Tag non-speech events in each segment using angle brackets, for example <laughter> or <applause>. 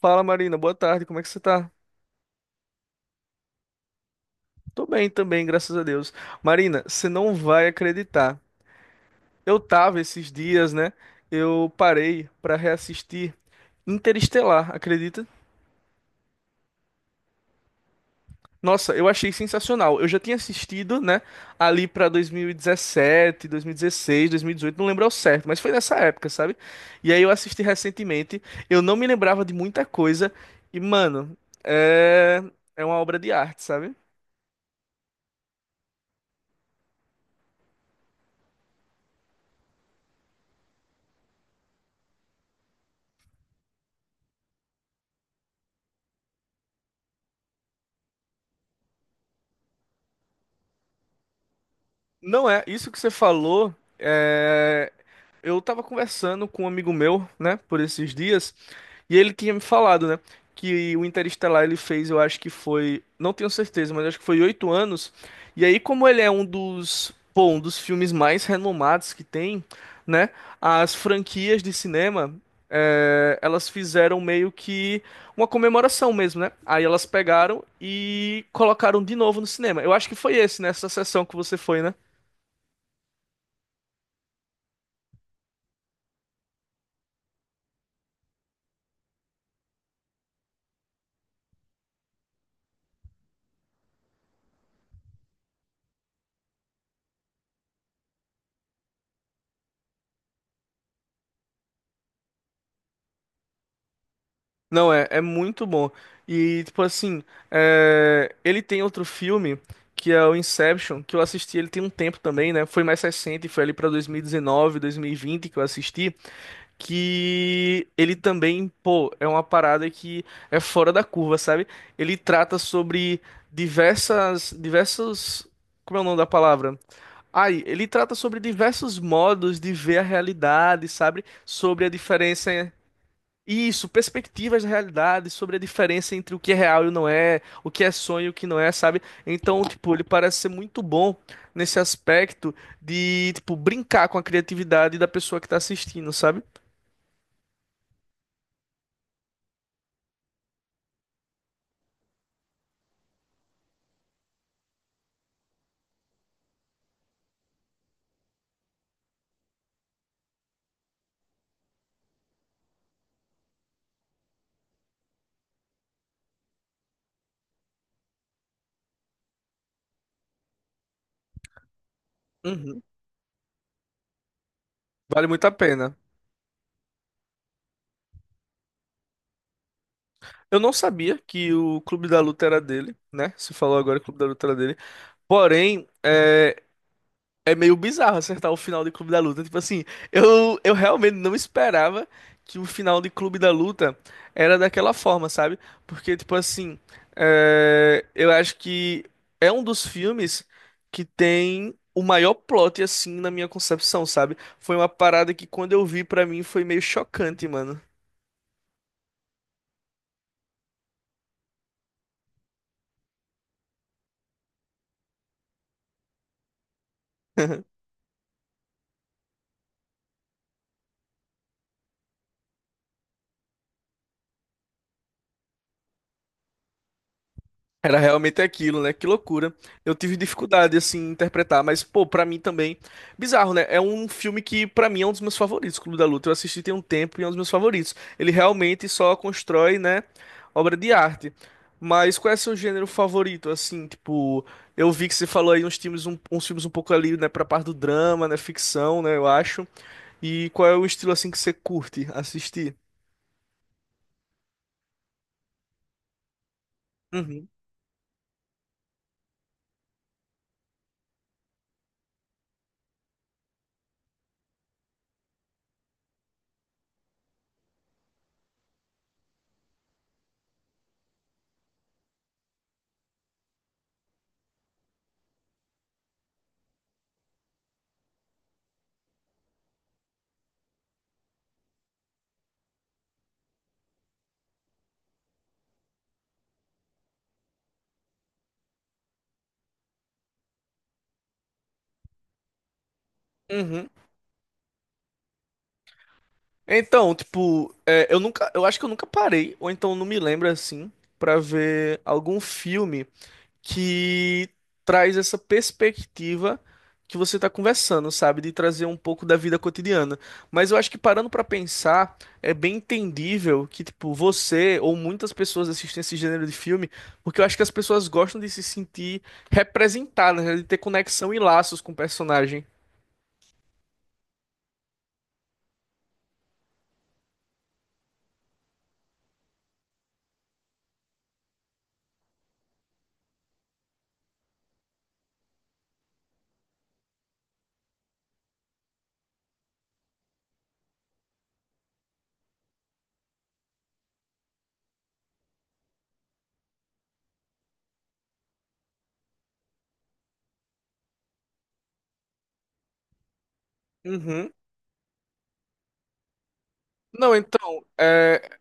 Fala, Marina, boa tarde, como é que você tá? Tô bem também, graças a Deus. Marina, você não vai acreditar. Eu tava esses dias, né? Eu parei pra reassistir Interestelar, acredita? Nossa, eu achei sensacional. Eu já tinha assistido, né, ali pra 2017, 2016, 2018, não lembro ao certo, mas foi nessa época, sabe? E aí eu assisti recentemente, eu não me lembrava de muita coisa e, mano, é, é uma obra de arte, sabe? Não é, isso que você falou, é, eu tava conversando com um amigo meu, né, por esses dias, e ele tinha me falado, né, que o Interestelar ele fez, eu acho que foi, não tenho certeza, mas acho que foi 8 anos, e aí como ele é um dos, pô, um dos filmes mais renomados que tem, né, as franquias de cinema, elas fizeram meio que uma comemoração mesmo, né, aí elas pegaram e colocaram de novo no cinema, eu acho que foi esse, nessa sessão que você foi, né? Não, é muito bom. E, tipo assim, ele tem outro filme, que é o Inception, que eu assisti, ele tem um tempo também, né? Foi mais recente, foi ali pra 2019, 2020 que eu assisti, que ele também, pô, é uma parada que é fora da curva, sabe? Ele trata sobre diversas, diversos, como é o nome da palavra? Ai, ele trata sobre diversos modos de ver a realidade, sabe? Sobre a diferença. Isso, perspectivas da realidade sobre a diferença entre o que é real e o não é, o que é sonho e o que não é, sabe? Então, tipo, ele parece ser muito bom nesse aspecto de, tipo, brincar com a criatividade da pessoa que tá assistindo, sabe? Uhum. Vale muito a pena. Eu não sabia que o Clube da Luta era dele, né? Você falou agora que o Clube da Luta era dele. Porém, é meio bizarro acertar o final de Clube da Luta. Tipo assim, eu realmente não esperava que o final de Clube da Luta era daquela forma, sabe? Porque, tipo assim, eu acho que é um dos filmes que tem o maior plot, assim, na minha concepção, sabe? Foi uma parada que quando eu vi, pra mim, foi meio chocante, mano. <laughs> Era realmente aquilo, né? Que loucura. Eu tive dificuldade, assim, em interpretar, mas, pô, pra mim também. Bizarro, né? É um filme que, pra mim, é um dos meus favoritos. Clube da Luta. Eu assisti tem um tempo e é um dos meus favoritos. Ele realmente só constrói, né? Obra de arte. Mas qual é seu gênero favorito, assim? Tipo, eu vi que você falou aí uns filmes, uns filmes um pouco ali, né? Pra parte do drama, né? Ficção, né? Eu acho. E qual é o estilo, assim, que você curte assistir? Uhum. Uhum. Então, tipo, eu nunca, eu acho que eu nunca parei, ou então não me lembro assim, pra ver algum filme que traz essa perspectiva que você tá conversando, sabe? De trazer um pouco da vida cotidiana. Mas eu acho que parando pra pensar, é bem entendível que, tipo, você ou muitas pessoas assistem esse gênero de filme, porque eu acho que as pessoas gostam de se sentir representadas, né? De ter conexão e laços com o personagem. Uhum. Não, então, é,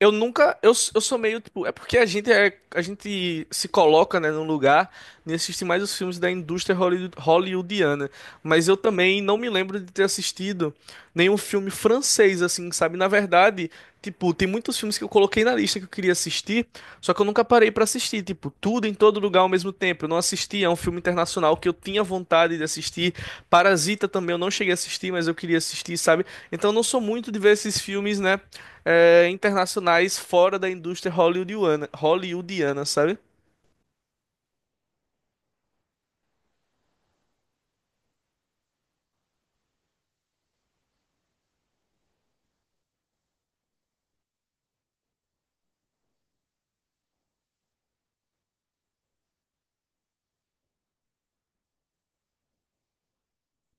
Eu nunca, eu sou meio tipo, porque a gente a gente se coloca, né, num lugar e assiste mais os filmes da indústria hollywoodiana, mas eu também não me lembro de ter assistido nenhum filme francês assim, sabe? Na verdade, tipo, tem muitos filmes que eu coloquei na lista que eu queria assistir, só que eu nunca parei pra assistir, tipo, tudo em todo lugar ao mesmo tempo. Eu não assisti, é um filme internacional que eu tinha vontade de assistir. Parasita também eu não cheguei a assistir, mas eu queria assistir, sabe? Então eu não sou muito de ver esses filmes, né, internacionais fora da indústria hollywoodiana, sabe?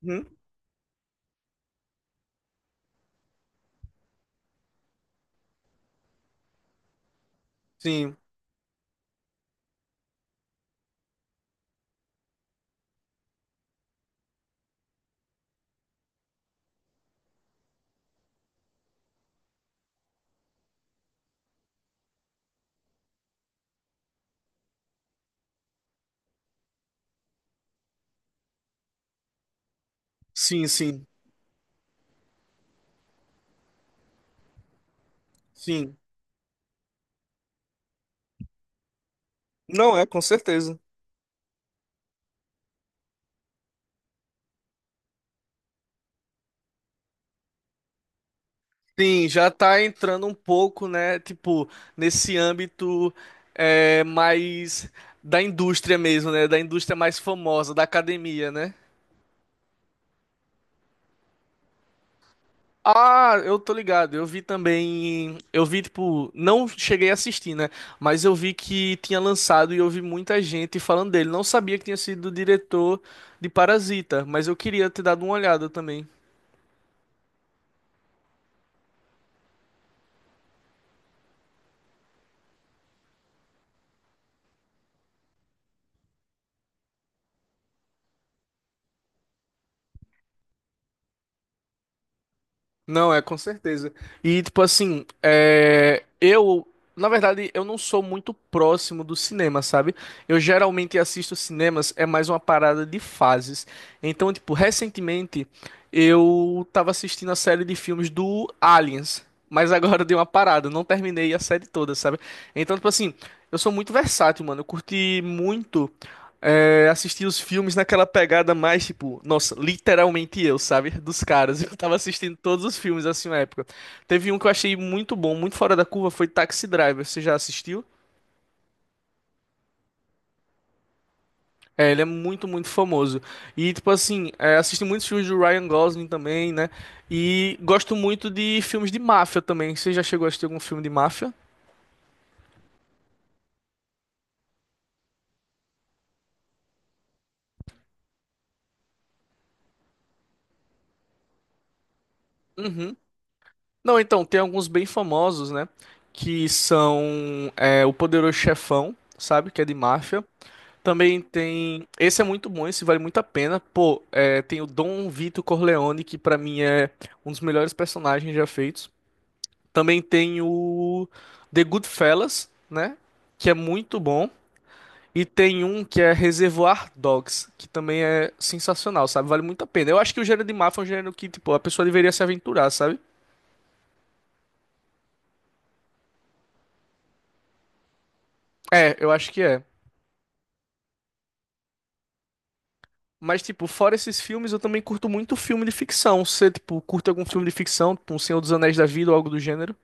Uhum. Sim, sim, sim, sim. Não é, com certeza. Sim, já tá entrando um pouco, né? Tipo, nesse âmbito mais da indústria mesmo, né? Da indústria mais famosa, da academia, né? Ah, eu tô ligado. Eu vi também. Eu vi, tipo, não cheguei a assistir, né? Mas eu vi que tinha lançado e eu vi muita gente falando dele. Não sabia que tinha sido o diretor de Parasita, mas eu queria ter dado uma olhada também. Não, é com certeza. E tipo assim, eu, na verdade, eu não sou muito próximo do cinema, sabe? Eu geralmente assisto cinemas, é mais uma parada de fases. Então, tipo, recentemente eu tava assistindo a série de filmes do Aliens, mas agora <laughs> dei uma parada, eu não terminei a série toda, sabe? Então, tipo assim, eu sou muito versátil, mano. Eu curti muito assistir os filmes naquela pegada mais, tipo, nossa, literalmente eu, sabe? Dos caras. <laughs> Eu tava assistindo todos os filmes assim na época. Teve um que eu achei muito bom, muito fora da curva, foi Taxi Driver. Você já assistiu? É, ele é muito, muito famoso. E, tipo assim, assisti muitos filmes do Ryan Gosling também, né? E gosto muito de filmes de máfia também. Você já chegou a assistir algum filme de máfia? Uhum. Não, então, tem alguns bem famosos, né? Que são O Poderoso Chefão, sabe? Que é de máfia. Também tem. Esse é muito bom, esse vale muito a pena. Pô, tem o Dom Vito Corleone, que pra mim é um dos melhores personagens já feitos. Também tem o The Goodfellas, né? Que é muito bom. E tem um que é Reservoir Dogs, que também é sensacional, sabe? Vale muito a pena. Eu acho que o gênero de máfia é um gênero que, tipo, a pessoa deveria se aventurar, sabe? É, eu acho que é. Mas, tipo, fora esses filmes, eu também curto muito filme de ficção. Você, tipo, curte algum filme de ficção, tipo, um Senhor dos Anéis da Vida ou algo do gênero?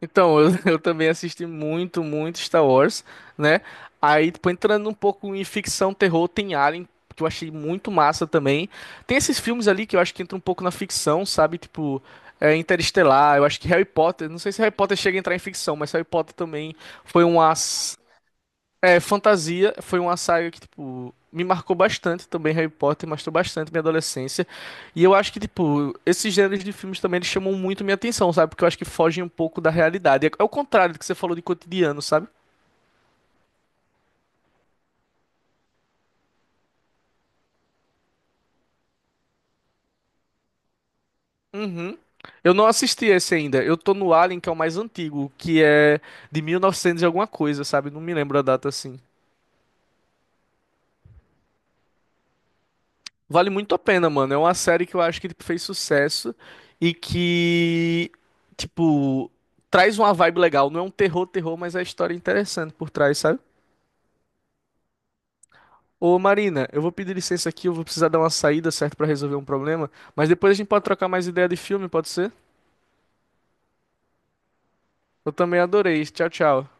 Então, eu, <laughs> eu também assisti muito, muito Star Wars, né? Aí, tipo, entrando um pouco em ficção, terror, tem Alien, que eu achei muito massa também. Tem esses filmes ali que eu acho que entra um pouco na ficção, sabe? Tipo, Interestelar, eu acho que Harry Potter, não sei se Harry Potter chega a entrar em ficção, mas Harry Potter também foi uma Fantasia foi uma saga que, tipo, me marcou bastante também. Harry Potter marcou bastante minha adolescência. E eu acho que, tipo, esses gêneros de filmes também eles chamam muito minha atenção, sabe? Porque eu acho que fogem um pouco da realidade. É é o contrário do que você falou de cotidiano, sabe? Uhum. Eu não assisti esse ainda. Eu tô no Alien, que é o mais antigo, que é de 1900 e novecentos e alguma coisa, sabe? Não me lembro a data assim. Vale muito a pena, mano. É uma série que eu acho que tipo, fez sucesso e que, tipo, traz uma vibe legal. Não é um terror, terror, mas é a história interessante por trás, sabe? Ô, Marina, eu vou pedir licença aqui, eu vou precisar dar uma saída, certo, pra resolver um problema, mas depois a gente pode trocar mais ideia de filme, pode ser? Eu também adorei. Tchau, tchau.